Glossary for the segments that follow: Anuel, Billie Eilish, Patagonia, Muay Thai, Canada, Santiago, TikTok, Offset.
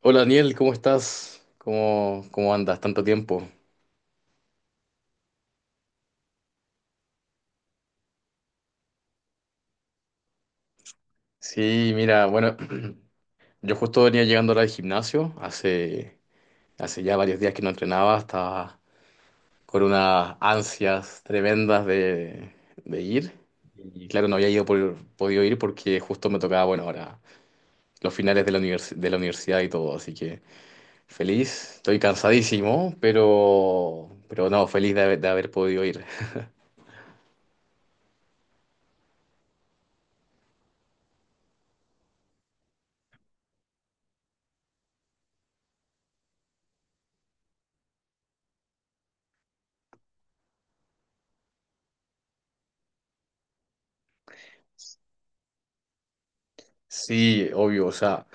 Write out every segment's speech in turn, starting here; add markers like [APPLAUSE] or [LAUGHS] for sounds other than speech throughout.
Hola Daniel, ¿cómo estás? ¿¿Cómo andas? Tanto tiempo. Sí, mira, bueno, [CLEARS THROAT] yo justo venía llegando ahora al gimnasio, hace ya varios días que no entrenaba, estaba con unas ansias tremendas de ir. Y claro, no había ido podido ir porque justo me tocaba, bueno, ahora los finales de la de la universidad y todo, así que feliz, estoy cansadísimo, pero no, feliz de haber podido ir. Sí, obvio, o sea.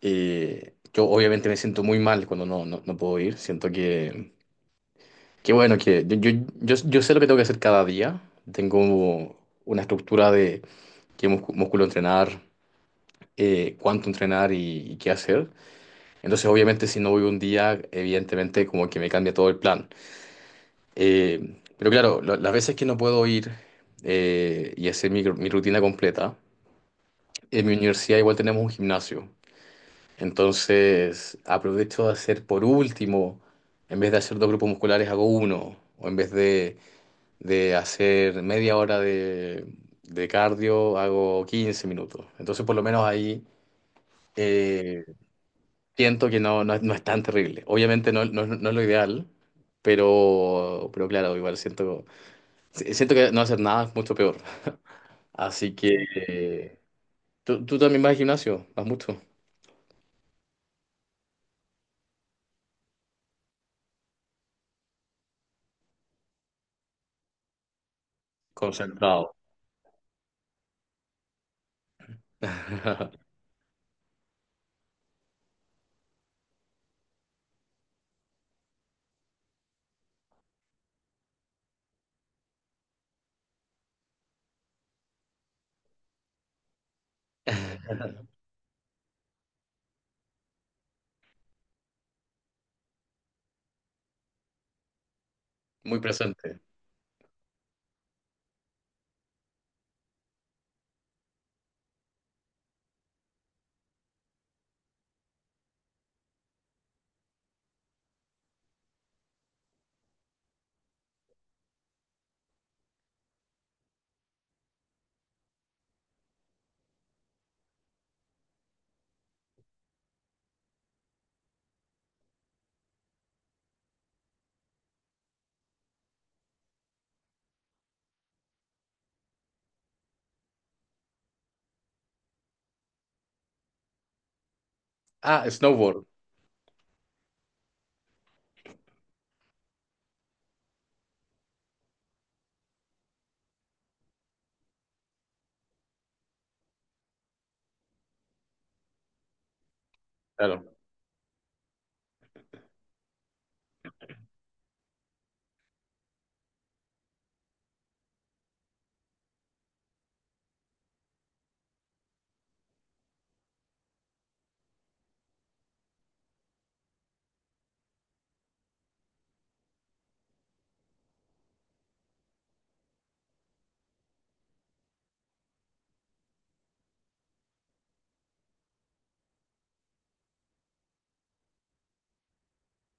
Yo obviamente me siento muy mal cuando no puedo ir. Siento que bueno, que yo sé lo que tengo que hacer cada día. Tengo una estructura de qué músculo entrenar, cuánto entrenar y qué hacer. Entonces, obviamente, si no voy un día, evidentemente como que me cambia todo el plan. Pero claro, las veces que no puedo ir y hacer mi rutina completa, en mi universidad igual tenemos un gimnasio. Entonces, aprovecho de hacer por último, en vez de hacer dos grupos musculares, hago uno. O en vez de hacer media hora de cardio, hago 15 minutos. Entonces, por lo menos ahí eh, siento que no es tan terrible. Obviamente no es lo ideal, pero claro, igual siento, si, siento que no hacer nada es mucho peor. Así que eh, tú también vas al gimnasio, vas mucho. Concentrado. [LAUGHS] Muy presente. Ah, snowboard, claro.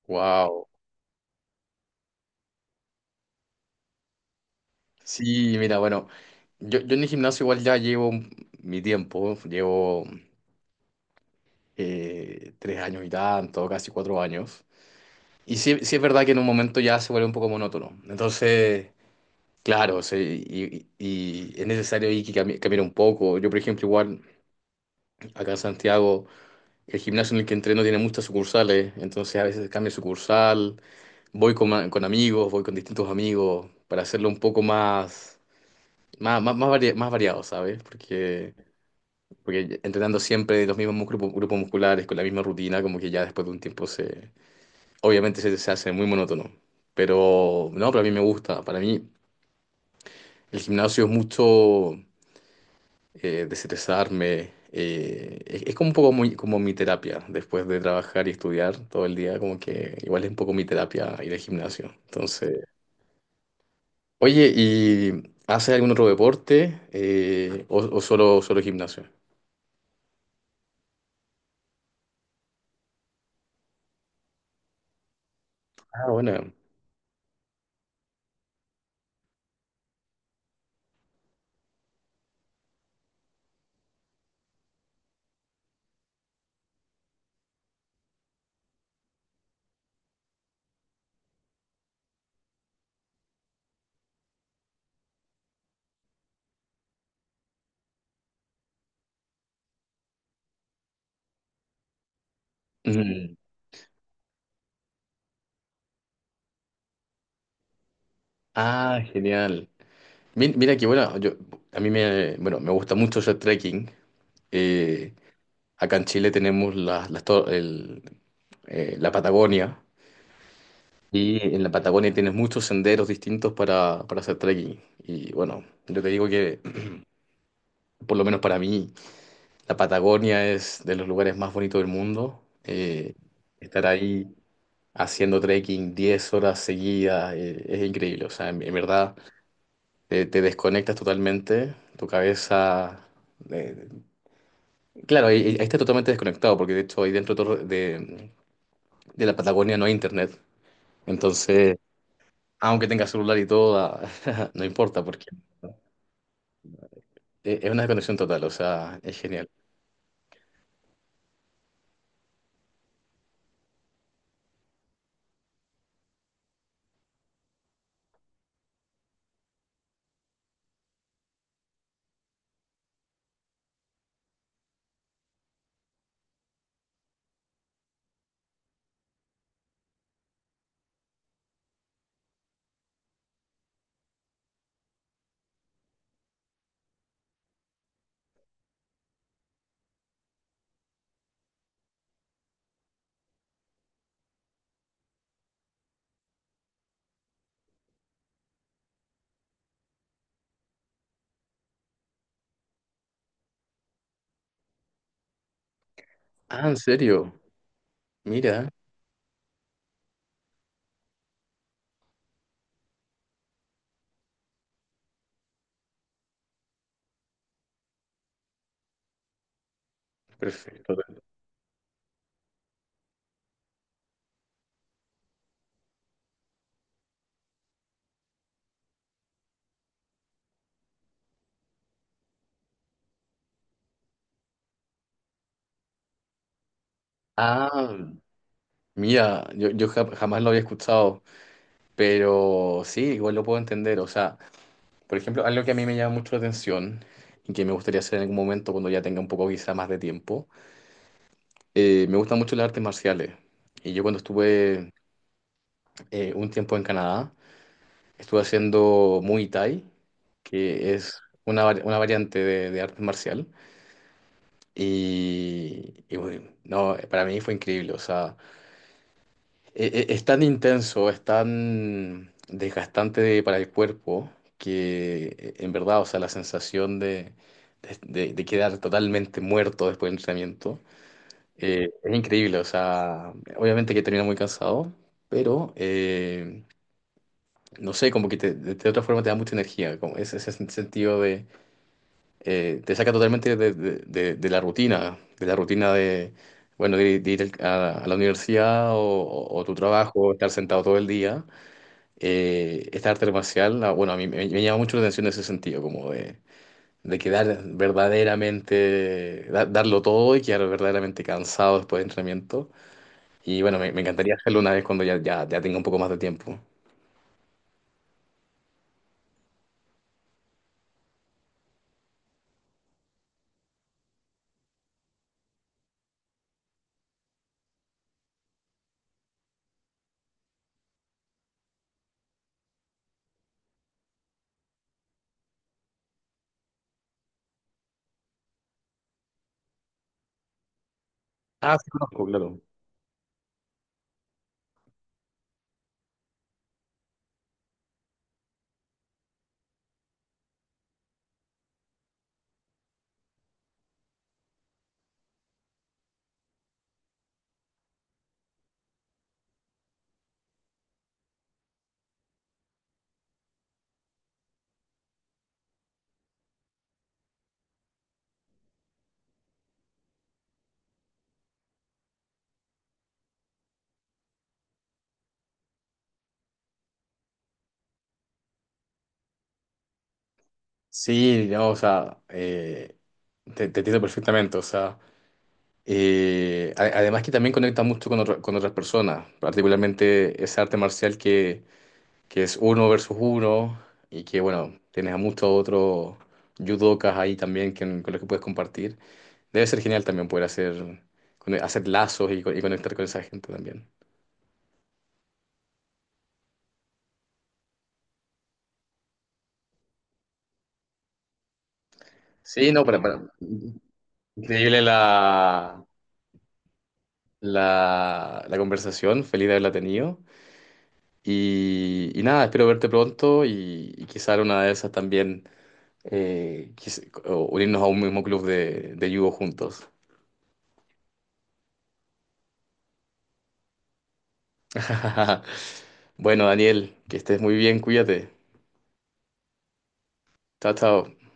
Wow. Sí, mira, bueno, yo en el gimnasio igual ya llevo mi tiempo, llevo 3 años y tanto, casi 4 años. Y sí, sí es verdad que en un momento ya se vuelve un poco monótono. Entonces, claro, sí, y es necesario ahí que cambiar un poco. Yo, por ejemplo, igual acá en Santiago, el gimnasio en el que entreno tiene muchas sucursales, entonces a veces cambio de sucursal, voy con amigos, voy con distintos amigos para hacerlo un poco más. Más variado, ¿sabes? Porque, porque entrenando siempre los mismos grupos, grupos musculares con la misma rutina, como que ya después de un tiempo se... Obviamente se hace muy monótono. Pero no, para mí me gusta. Para mí el gimnasio es mucho desestresarme. Es como un poco muy, como mi terapia. Después de trabajar y estudiar todo el día, como que igual es un poco mi terapia ir al gimnasio. Entonces, oye, ¿y haces algún otro deporte? O solo gimnasio? Ah, bueno. Mm. Ah, genial. Mira que bueno, yo, a mí bueno, me gusta mucho hacer trekking. Eh, Acá en Chile tenemos la Patagonia y en la Patagonia tienes muchos senderos distintos para hacer trekking. Y bueno, yo te digo que, por lo menos para mí, la Patagonia es de los lugares más bonitos del mundo. Estar ahí haciendo trekking 10 horas seguidas es increíble. O sea, en verdad... te desconectas totalmente, tu cabeza... eh, claro, ahí está totalmente desconectado, porque de hecho ahí dentro de, todo- de la Patagonia no hay internet. Entonces, aunque tengas celular y todo, ah, [LAUGHS] no importa, porque es una desconexión total, o sea, es genial. Ah, ¿en serio? Mira, perfecto. Ah, mira, yo jamás lo había escuchado, pero sí, igual lo puedo entender, o sea... Por ejemplo, algo que a mí me llama mucho la atención y que me gustaría hacer en algún momento cuando ya tenga un poco quizá más de tiempo, me gustan mucho las artes marciales. Y yo cuando estuve un tiempo en Canadá, estuve haciendo Muay Thai, que es una, una variante de arte marcial. Y bueno, no, para mí fue increíble. O sea, es tan intenso, es tan desgastante para el cuerpo que en verdad, o sea, la sensación de- de quedar totalmente muerto después del entrenamiento es increíble, o sea, obviamente que termina muy cansado, pero no sé, como que de otra forma te da mucha energía, como ese sentido de, te saca totalmente de la rutina, de la rutina de... Bueno, de ir a la universidad o tu trabajo, estar sentado todo el día esta arte marcial, ah, bueno, a mí me llama mucho la atención en ese sentido, como de quedar verdaderamente, darlo todo y quedar verdaderamente cansado después de entrenamiento. Y bueno, me encantaría hacerlo una vez cuando ya tenga un poco más de tiempo. Ah, sí, conozco, claro. Sí, no, o sea, te entiendo perfectamente, o sea, además que también conecta mucho con, con otras personas, particularmente ese arte marcial que es uno versus uno y que, bueno, tienes a muchos otros judokas ahí también con los que puedes compartir. Debe ser genial también poder hacer, hacer lazos y conectar con esa gente también. Sí, no, increíble la conversación, feliz de haberla tenido. Y nada, espero verte pronto y quizá en una de esas también o unirnos a un mismo club de judo juntos. [LAUGHS] Bueno, Daniel, que estés muy bien, cuídate. Chao, chao.